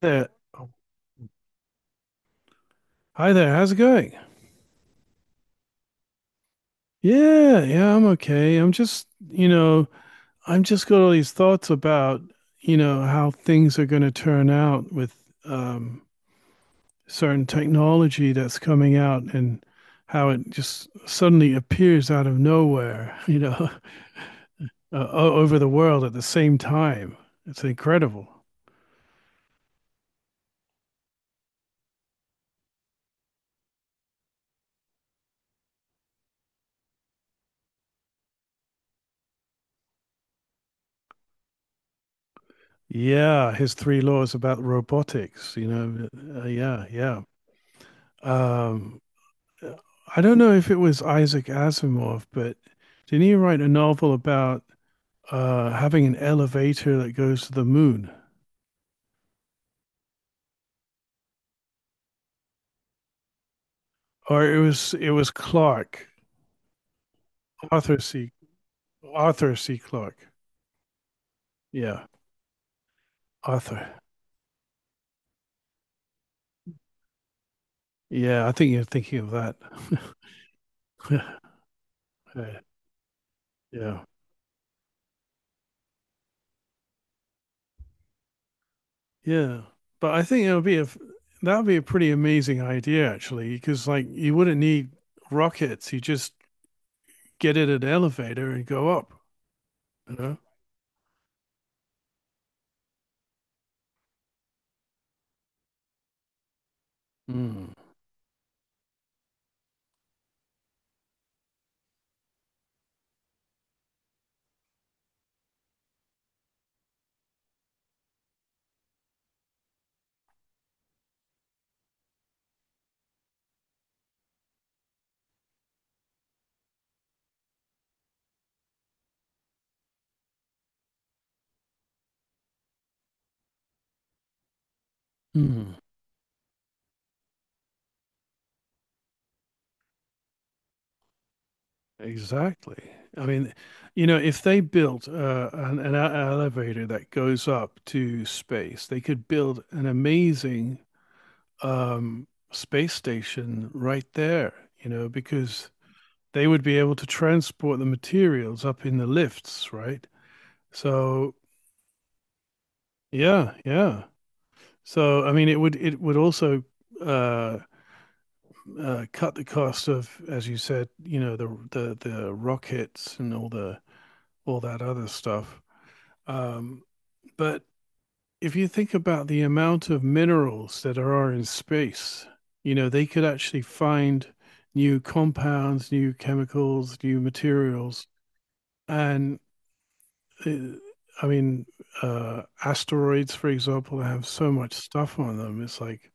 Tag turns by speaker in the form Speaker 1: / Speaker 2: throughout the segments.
Speaker 1: There. Oh, hi there. How's it going? Yeah, yeah, I'm okay. I'm just, you know, I'm just got all these thoughts about, you know, how things are going to turn out with um, certain technology that's coming out and how it just suddenly appears out of nowhere, you know, over the world at the same time. It's incredible. Yeah, his three laws about robotics, you know, yeah. Um, I don't know if it was Isaac Asimov, but didn't he write a novel about having an elevator that goes to the moon? Or it was Clark, Arthur C. Arthur C. Clarke. Yeah, Arthur. Yeah, I think you're thinking of that. Yeah, yeah. But I think it would be a that would be a pretty amazing idea actually, because like you wouldn't need rockets. You just get in an elevator and go up. You know. Mm. Mm. Exactly. I mean, you know, if they built an elevator that goes up to space, they could build an amazing space station right there, you know, because they would be able to transport the materials up in the lifts, right? So, yeah, yeah. So, I mean, it would also uh, cut the cost of, as you said, you know, the rockets and all the all that other stuff. Um, but if you think about the amount of minerals that are in space, you know, they could actually find new compounds, new chemicals, new materials. And uh, I mean, asteroids, for example, have so much stuff on them. It's like,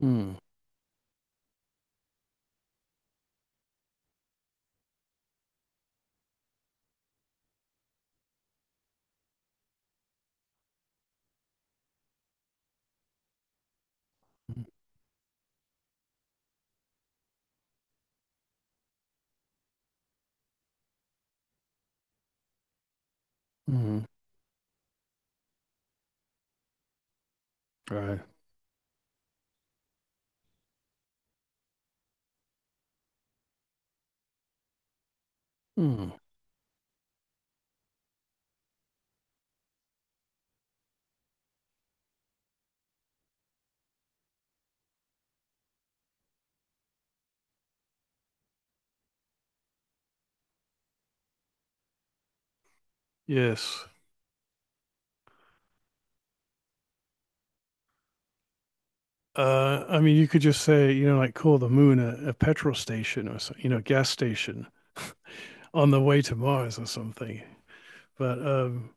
Speaker 1: hmm, hmm, right. Hmm, yes. I mean, you could just say, you know, like call the moon a petrol station or so, you know, gas station on the way to Mars or something. But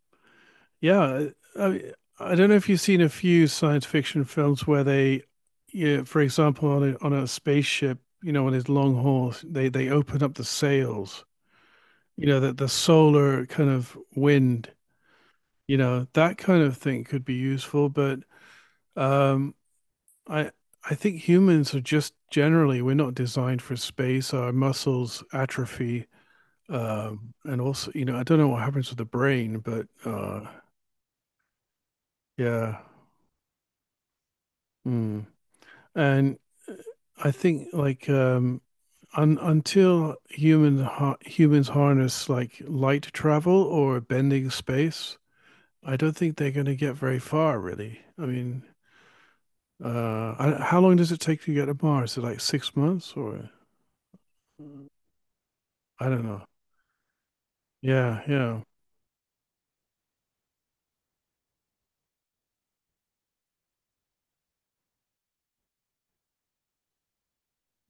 Speaker 1: yeah, I, I don't know if you've seen a few science fiction films where they, yeah, for example, on a spaceship, you know, on his long horse, they open up the sails, you know, that the solar kind of wind, you know, that kind of thing could be useful. But um, I I think humans are just generally we're not designed for space. Our muscles atrophy, and also, you know, I don't know what happens with the brain, but yeah. Hmm. And uh, I think like un until humans harness like light travel or bending space, I don't think they're going to get very far, really. I mean, how long does it take to get to Mars? Is it like 6 months or I don't know. Yeah, yeah.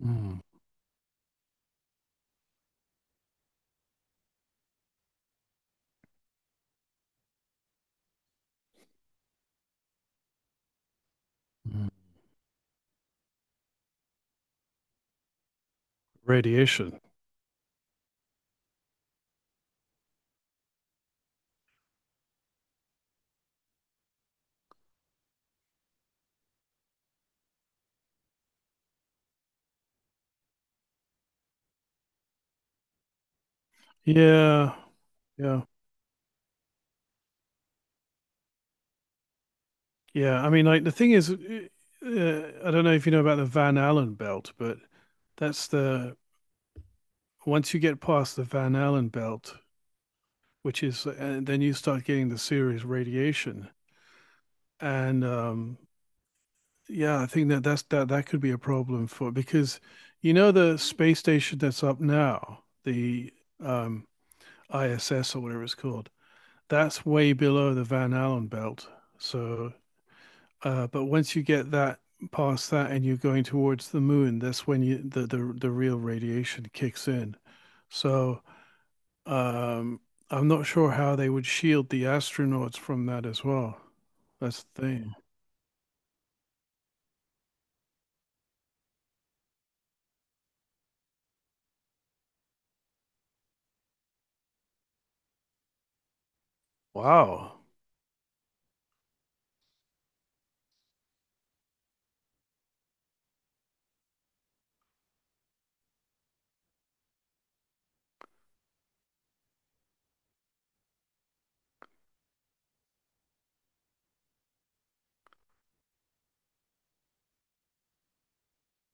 Speaker 1: Mm, mm. Radiation. Yeah, yeah, yeah. I mean, like the thing is, I don't know if you know about the Van Allen belt, but that's the once you get past the Van Allen belt, which is, and then you start getting the serious radiation. And yeah, I think that that could be a problem for because you know the space station that's up now, the um, ISS or whatever it's called, that's way below the Van Allen belt. So, but once you get that past that and you're going towards the moon, that's when you the real radiation kicks in. So Um, I'm not sure how they would shield the astronauts from that as well. That's the thing. Wow.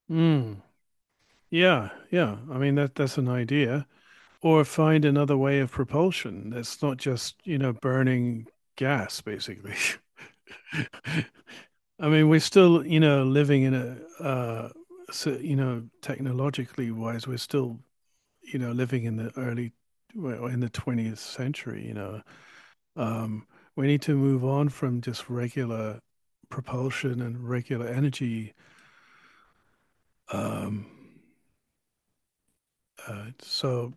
Speaker 1: Mm. Yeah, yeah. I mean that's an idea. Or find another way of propulsion that's not just, you know, burning gas, basically. I mean, we're still, you know, living in a so, you know, technologically wise, we're still, you know, living in the early well, in the 20th century, you know. Um, we need to move on from just regular propulsion and regular energy. Um, so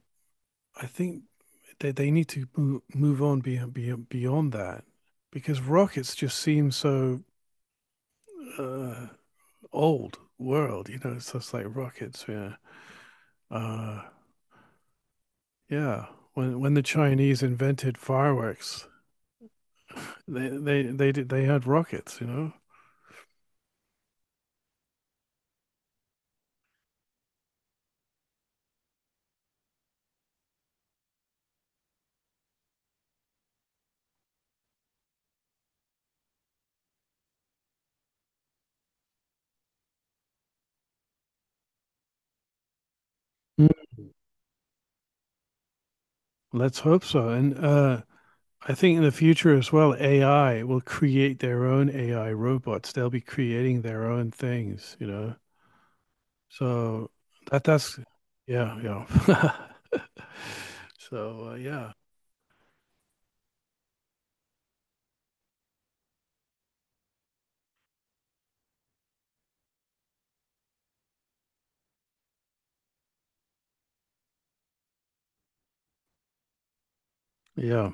Speaker 1: I think they need to move on beyond that because rockets just seem so uh, old world, you know, it's just like rockets, yeah. Uh, yeah. When the Chinese invented fireworks, they had rockets, you know. Mm. Let's hope so. And I think in the future as well, AI will create their own AI robots. They'll be creating their own things, you know. So that that's yeah, yeah. So yeah, yeah,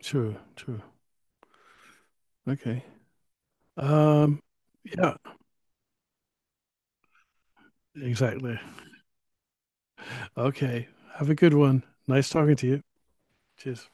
Speaker 1: true, true. Okay. Um, yeah, exactly. Okay. Have a good one. Nice talking to you. Cheers.